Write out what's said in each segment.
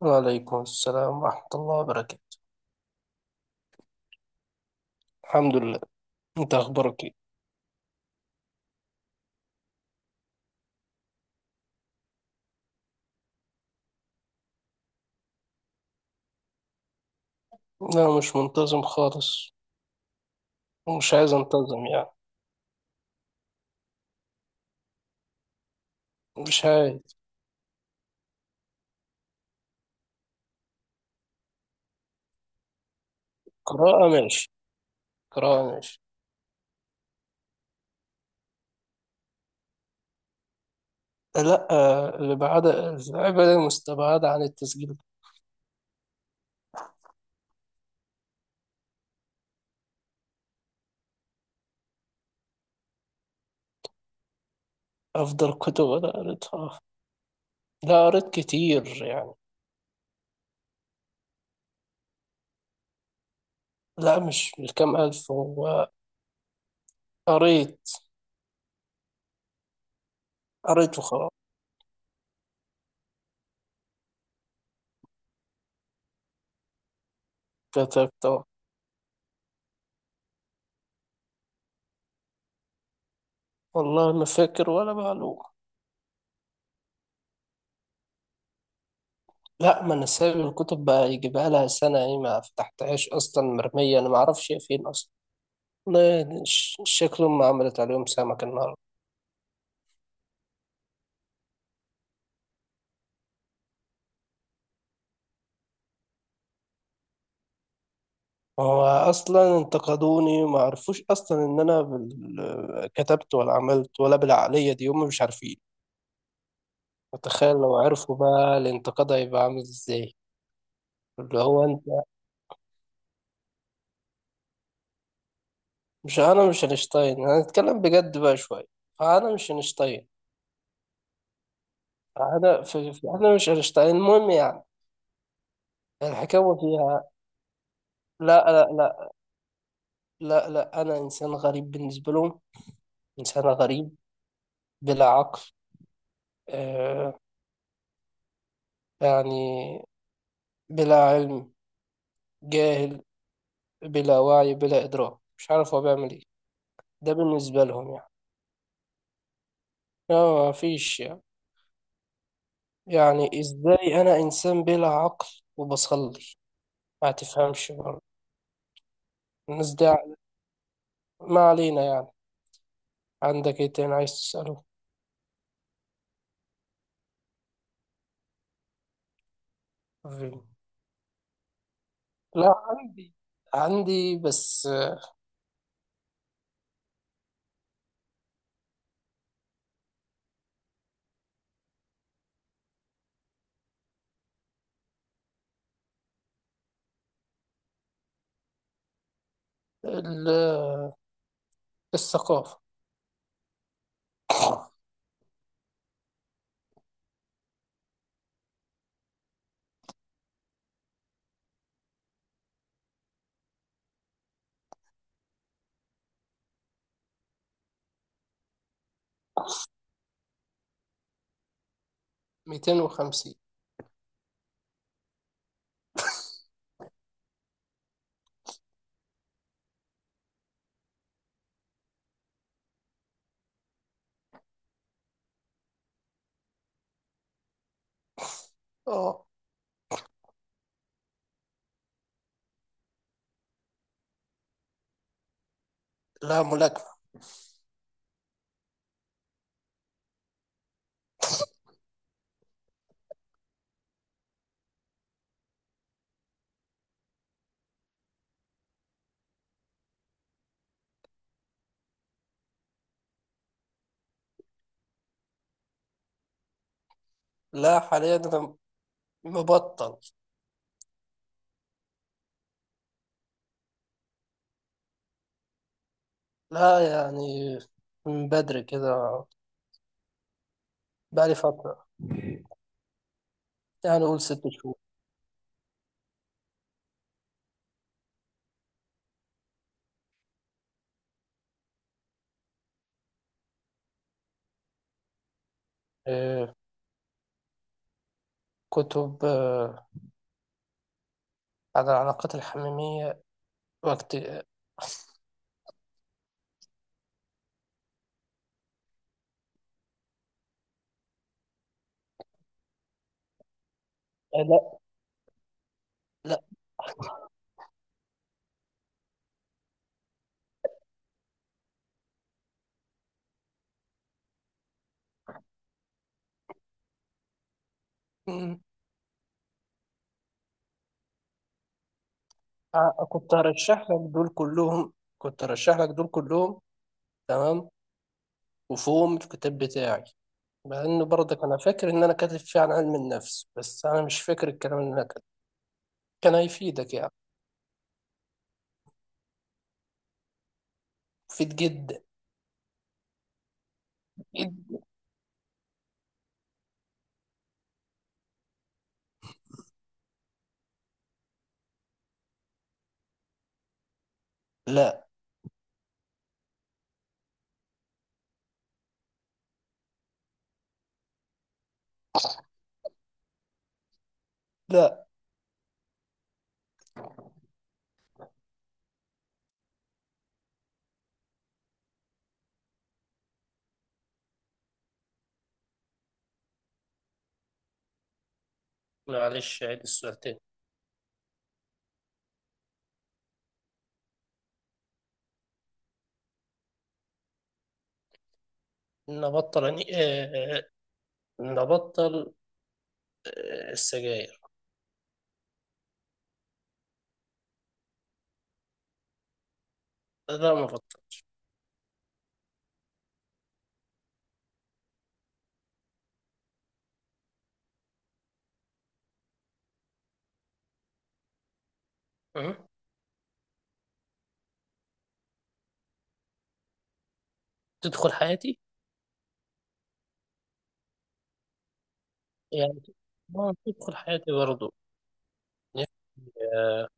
وعليكم السلام ورحمة الله وبركاته. الحمد لله. انت اخبارك ايه؟ لا، مش منتظم خالص. ومش عايز انتظم يعني. مش عايز. قراءة ماشي. قراءة ماشي. لا. الإبعادة الإبعادة العبادة مستبعدة عن التسجيل. أفضل كتب أنا قريتها. لا، قريت كتير يعني. لا، مش كام ألف هو. قريت. قريت وخلاص. كتبت. والله ما فاكر ولا معلومة. لا، ما انا سايب الكتب بقى يجيبها لها سنة ايه، ما فتحتهاش اصلا، مرمية انا ما اعرفش هي فين اصلا. والله شكلهم ما عملت عليهم سمك النهاردة. هو اصلا انتقدوني ما عرفوش اصلا ان انا كتبت ولا عملت ولا بالعقلية دي، هم مش عارفين. متخيل لو عرفوا بقى الانتقاد هيبقى عامل ازاي. اللي هو انت. مش انا، مش اينشتاين. انا هتكلم بجد بقى شوية. انا مش اينشتاين. انا انا مش اينشتاين المهم يعني. الحكاوة فيها. لا لا لا. لا لا. أنا إنسان غريب بالنسبة لهم. إنسان غريب. بلا عقل. آه يعني. بلا علم. جاهل. بلا وعي، بلا إدراك، مش عارف هو بيعمل إيه. ده بالنسبة لهم يعني. لا، ما فيش يعني. يعني إزاي أنا إنسان بلا عقل وبصلي؟ ما تفهمش برضه الناس دي عقل. ما علينا يعني. عندك إيه تاني عايز تسأله؟ لا، عندي. عندي بس ال- الثقافة. 250. اه. لا، ملاكمة. لا، حاليا أنا مبطل. لا يعني، من بدري كده. بقالي فترة. يعني قول 6 شهور. آه، كتب عن العلاقات الحميمية، وقت لا. لا. مم. كنت هرشح لك دول كلهم. كنت هرشح لك دول كلهم. تمام. وفيهم الكتاب بتاعي. مع إنه برضك أنا فاكر إن أنا كاتب فيه عن علم النفس، بس أنا مش فاكر الكلام اللي أنا كاتبه. كان هيفيدك يعني. مفيد جدا. جدا. لا. لا. معلش عيد السؤال تاني. نبطل يعني. نبطل السجاير. لا، ما بطل. أه؟ تدخل حياتي. يعني ما تدخل حياتي برضو. يعني آه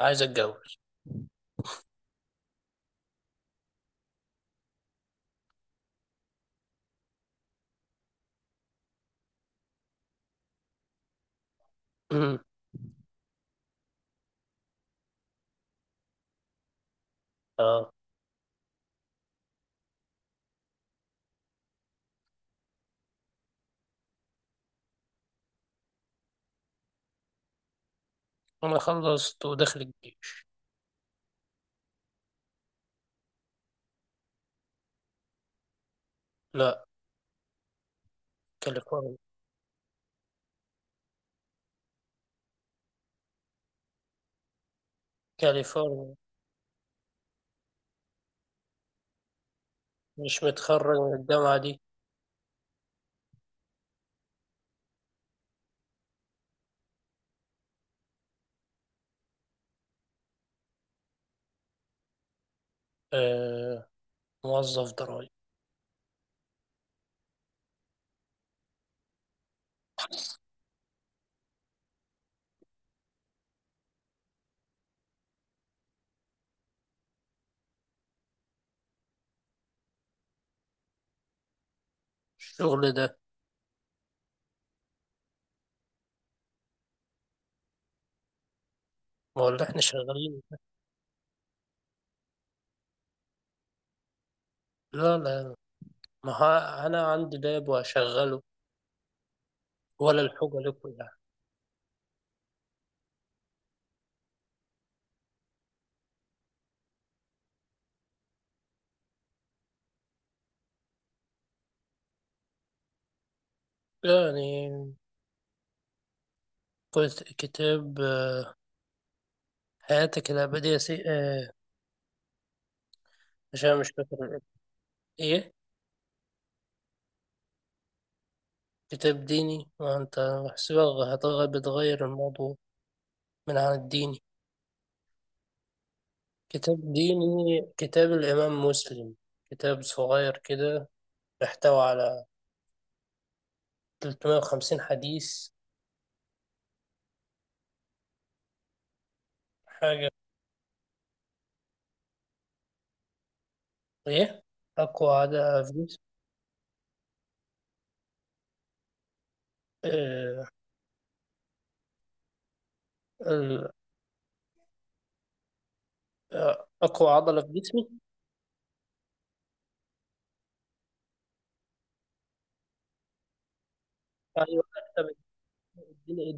عايز اتجوز. أمم، اه. انا خلصت وداخل الجيش. لا. كاليفورنيا. كاليفورنيا. مش متخرج من الجامعة دي. آه موظف ضرايب. الشغل ده. ما هو اللي احنا شغالين ده. لا لا. ما ها- انا عندي لاب واشغله. ولا الحاجة لكم يعني. يعني قلت كتاب حياتك الأبدية سي... آه، عشان مش فاكر الاسم. إيه. كتاب ديني وأنت بحسبها بتغير الموضوع من عن الديني. كتاب ديني، كتاب الإمام مسلم. كتاب صغير كده بيحتوي على 350 حديث. حاجة. إيه. أقوى عضلة في جسمي. آه، ال- أقوى عضلة في جسمي. أيوة. كتاب الدين.